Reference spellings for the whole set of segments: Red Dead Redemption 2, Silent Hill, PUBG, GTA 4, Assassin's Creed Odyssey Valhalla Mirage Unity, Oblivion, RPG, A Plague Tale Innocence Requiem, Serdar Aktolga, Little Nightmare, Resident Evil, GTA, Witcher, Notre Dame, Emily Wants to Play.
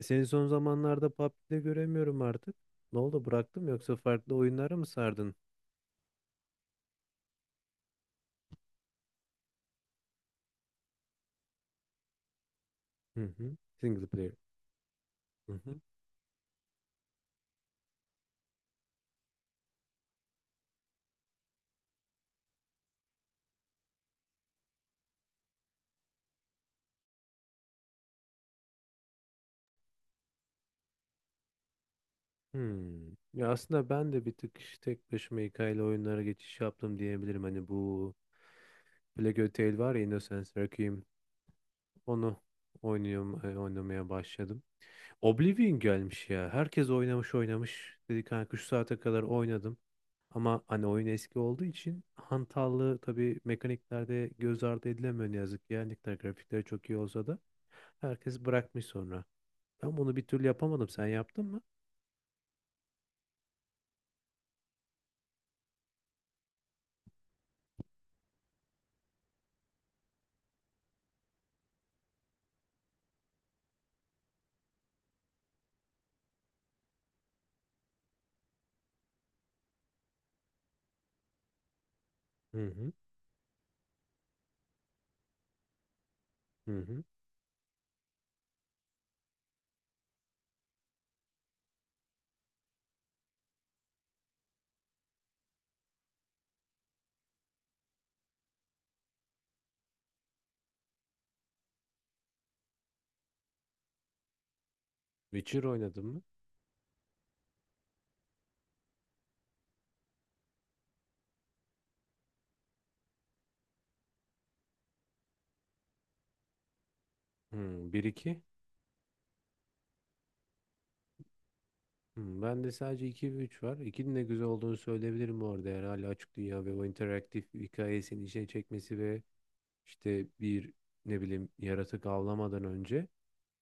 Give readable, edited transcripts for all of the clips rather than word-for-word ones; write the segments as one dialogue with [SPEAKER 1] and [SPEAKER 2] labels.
[SPEAKER 1] Seni son zamanlarda PUBG'de göremiyorum artık. Ne oldu bıraktın yoksa farklı oyunlara mı sardın? Hı hı. Single player. Hı hı. Hmm. Ya aslında ben de bir tık işte tek başıma hikayeli oyunlara geçiş yaptım diyebilirim. Hani bu Plague Tale var ya Innocence Requiem. Onu oynuyorum, oynamaya başladım. Oblivion gelmiş ya. Herkes oynamış oynamış dedik kanka, şu saate kadar oynadım. Ama hani oyun eski olduğu için hantallığı tabii mekaniklerde göz ardı edilemiyor ne yazık ki. Yani ne kadar grafikleri çok iyi olsa da herkes bırakmış sonra. Ben bunu bir türlü yapamadım. Sen yaptın mı? Hı hı. Hı hı. Witcher oynadın mı? Hı, 1-2. Hı, ben de sadece 2 ve 3 var. 2'nin de güzel olduğunu söyleyebilirim bu arada. Yani hala açık dünya ve o interaktif hikayesini içine çekmesi ve İşte bir ne bileyim yaratık avlamadan önce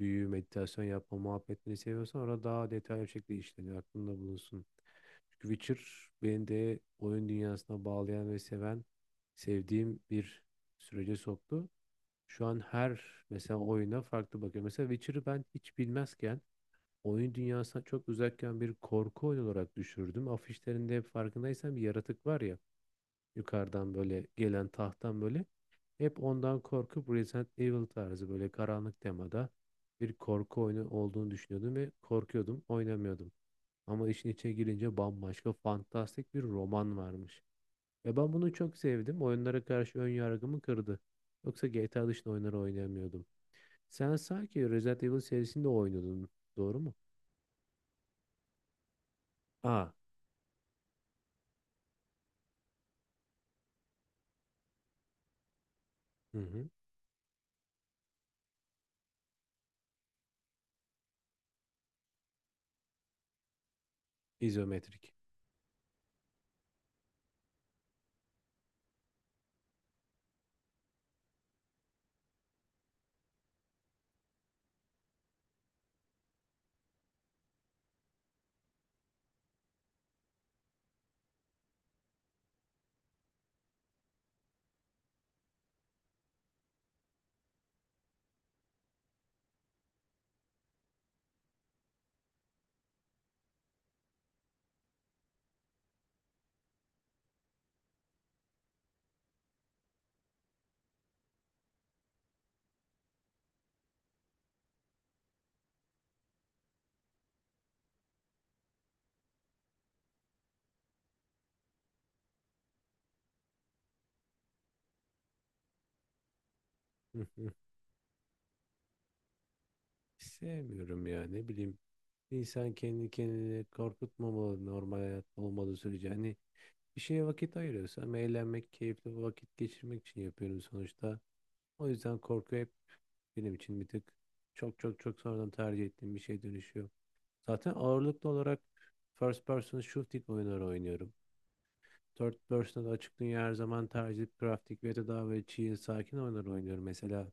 [SPEAKER 1] büyü, meditasyon yapma muhabbetini seviyorsan orada daha detaylı bir şekilde işleniyor. Aklında bulunsun. Çünkü Witcher beni de oyun dünyasına bağlayan ve seven, sevdiğim bir sürece soktu. Şu an her mesela oyuna farklı bakıyorum. Mesela Witcher'ı ben hiç bilmezken oyun dünyasına çok uzakken bir korku oyunu olarak düşürdüm. Afişlerinde hep farkındaysam bir yaratık var ya yukarıdan böyle gelen tahttan böyle hep ondan korkup Resident Evil tarzı böyle karanlık temada bir korku oyunu olduğunu düşünüyordum ve korkuyordum, oynamıyordum. Ama işin içine girince bambaşka fantastik bir roman varmış. Ve ben bunu çok sevdim. Oyunlara karşı ön yargımı kırdı. Yoksa GTA dışında oyunları oynayamıyordum. Sen sanki Resident Evil serisinde oynuyordun, doğru mu? Aa, hı hı. İzometrik. Hı hı. Sevmiyorum ya ne bileyim. İnsan kendi kendini korkutmamalı normal hayat olmadığı sürece. Hani bir şeye vakit ayırıyorsam eğlenmek, keyifli vakit geçirmek için yapıyorum sonuçta. O yüzden korku hep benim için bir tık çok çok çok sonradan tercih ettiğim bir şey dönüşüyor. Zaten ağırlıklı olarak first person shooting oyunları oynuyorum. Third person'da da açık dünya her zaman tercih edip grafik ve de daha böyle chill, sakin oyunlar oynuyorum. Mesela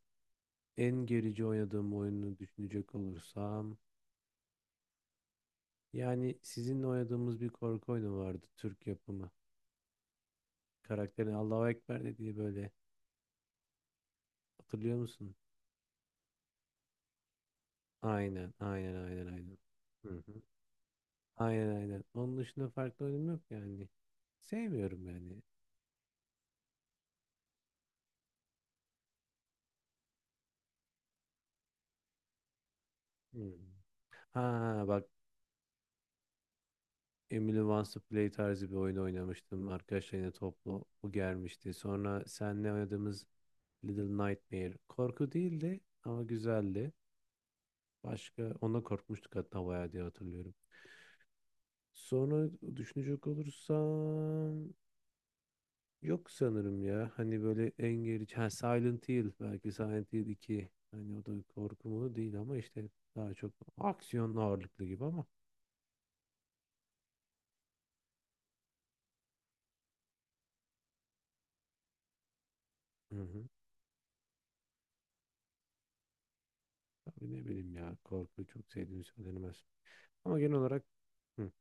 [SPEAKER 1] en gerici oynadığım oyunu düşünecek olursam yani sizinle oynadığımız bir korku oyunu vardı Türk yapımı. Karakterin Allahu Ekber dediği böyle hatırlıyor musun? Aynen, aynen, aynen, aynen. Hı hı. Aynen, aynen. Onun dışında farklı oyun yok yani. Sevmiyorum yani. Hı. Ha bak Emily Wants to Play tarzı bir oyun oynamıştım. Arkadaşlarıyla toplu bu gelmişti. Sonra seninle oynadığımız Little Nightmare. Korku değildi ama güzeldi. Başka ona korkmuştuk hatta bayağı diye hatırlıyorum. Sonra düşünecek olursam yok sanırım ya. Hani böyle en gerici. Ha, Silent Hill. Belki Silent Hill 2. Hani o da korku değil ama işte daha çok aksiyon ağırlıklı gibi ama. Hı hı. Tabii ne bileyim ya. Korku çok sevdiğim söylenemez. Ama genel olarak hı.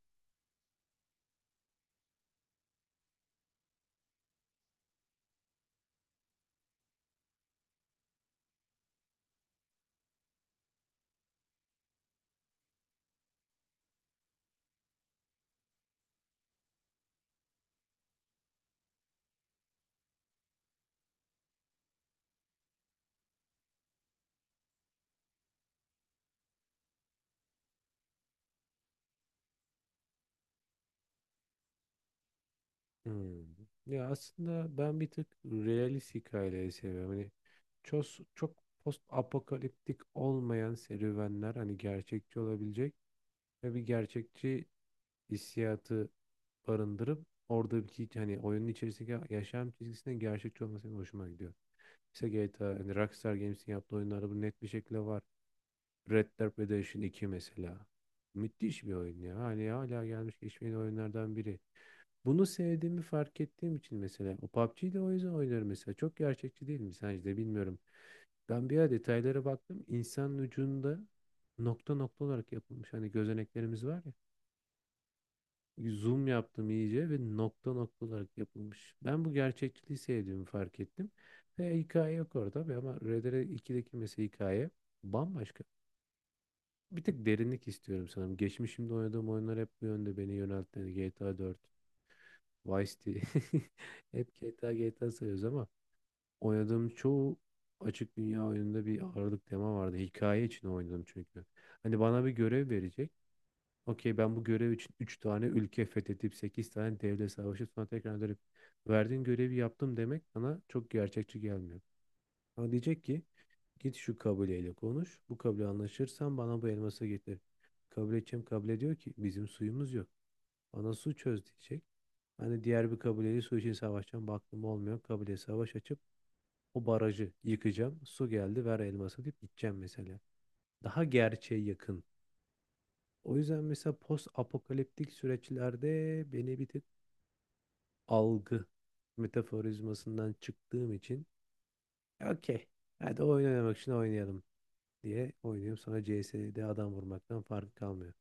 [SPEAKER 1] Hı. Ya aslında ben bir tık realist hikayeleri seviyorum. Hani çok, çok post apokaliptik olmayan serüvenler hani gerçekçi olabilecek ve bir gerçekçi hissiyatı barındırıp oradaki hani oyunun içerisindeki yaşam çizgisinin gerçekçi olması benim hoşuma gidiyor. İşte GTA hani Rockstar Games'in yaptığı oyunlarda bu net bir şekilde var. Red Dead Redemption 2 mesela. Müthiş bir oyun ya. Hani hala gelmiş geçmeyen oyunlardan biri. Bunu sevdiğimi fark ettiğim için mesela o PUBG'yi de o yüzden oynarım mesela. Çok gerçekçi değil mi sence de bilmiyorum. Ben bir ara detaylara baktım. İnsanın ucunda nokta nokta olarak yapılmış. Hani gözeneklerimiz var ya. Zoom yaptım iyice ve nokta nokta olarak yapılmış. Ben bu gerçekçiliği sevdiğimi fark ettim. Ve hikaye yok orada tabii ama Red Dead 2'deki mesela hikaye bambaşka. Bir tık derinlik istiyorum sanırım. Geçmişimde oynadığım oyunlar hep bu yönde beni yöneltti. GTA 4, Vice City. Hep GTA GTA sayıyoruz ama oynadığım çoğu açık dünya oyununda bir ağırlık tema vardı. Hikaye için oynadım çünkü. Hani bana bir görev verecek. Okey ben bu görev için 3 tane ülke fethedip 8 tane devlet savaşıp sonra tekrar dönüp verdiğin görevi yaptım demek bana çok gerçekçi gelmiyor. Ama diyecek ki git şu kabileyle konuş. Bu kabile anlaşırsan bana bu elması getir. Kabile kim kabile diyor ki bizim suyumuz yok. Bana su çöz diyecek. Hani diğer bir kabileyle su için savaşacağım. Baktım olmuyor. Kabileye savaş açıp o barajı yıkacağım. Su geldi ver elması deyip gideceğim mesela. Daha gerçeğe yakın. O yüzden mesela post apokaliptik süreçlerde beni bir tık algı metaforizmasından çıktığım için okey. Hadi oyun oynamak için oynayalım diye oynuyorum. Sonra CS'de adam vurmaktan fark kalmıyor.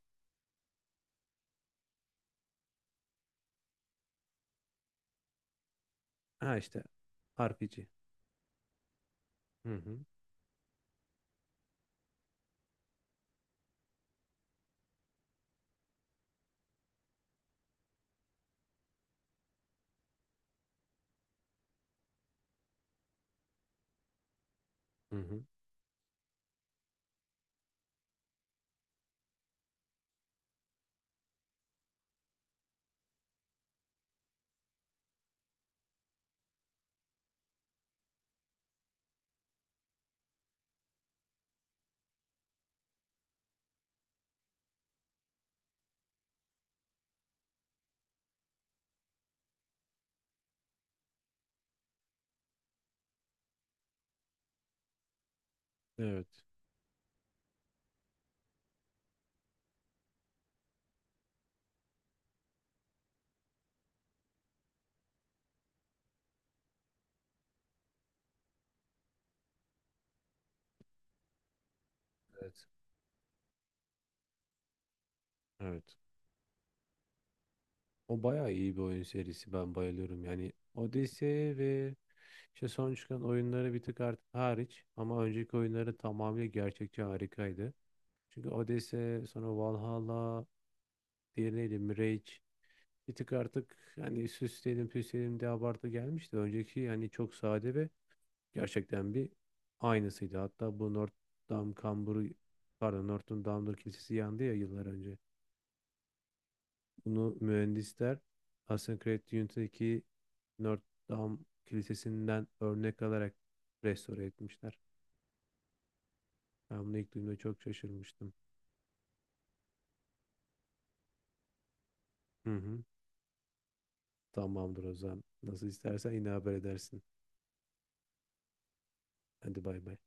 [SPEAKER 1] Ha işte RPG. Hı hı. Hı hı. Evet. Evet. Evet. O bayağı iyi bir oyun serisi. Ben bayılıyorum. Yani Odyssey ve işte son çıkan oyunları bir tık artık hariç ama önceki oyunları tamamıyla gerçekçi harikaydı. Çünkü Odyssey, sonra Valhalla, diğeri neydi? Mirage. Bir tık artık hani süsleyelim püsleyelim diye abartı gelmişti. Önceki hani çok sade ve gerçekten bir aynısıydı. Hatta bu Notre Dame kamburu pardon Notre Dame'dur kilisesi yandı ya yıllar önce. Bunu mühendisler Assassin's Creed Unity'deki Notre Dame kilisesinden örnek alarak restore etmişler. Ben bunu ilk duyduğumda çok şaşırmıştım. Hı hı. Tamamdır o zaman. Nasıl istersen yine haber edersin. Hadi bay bay.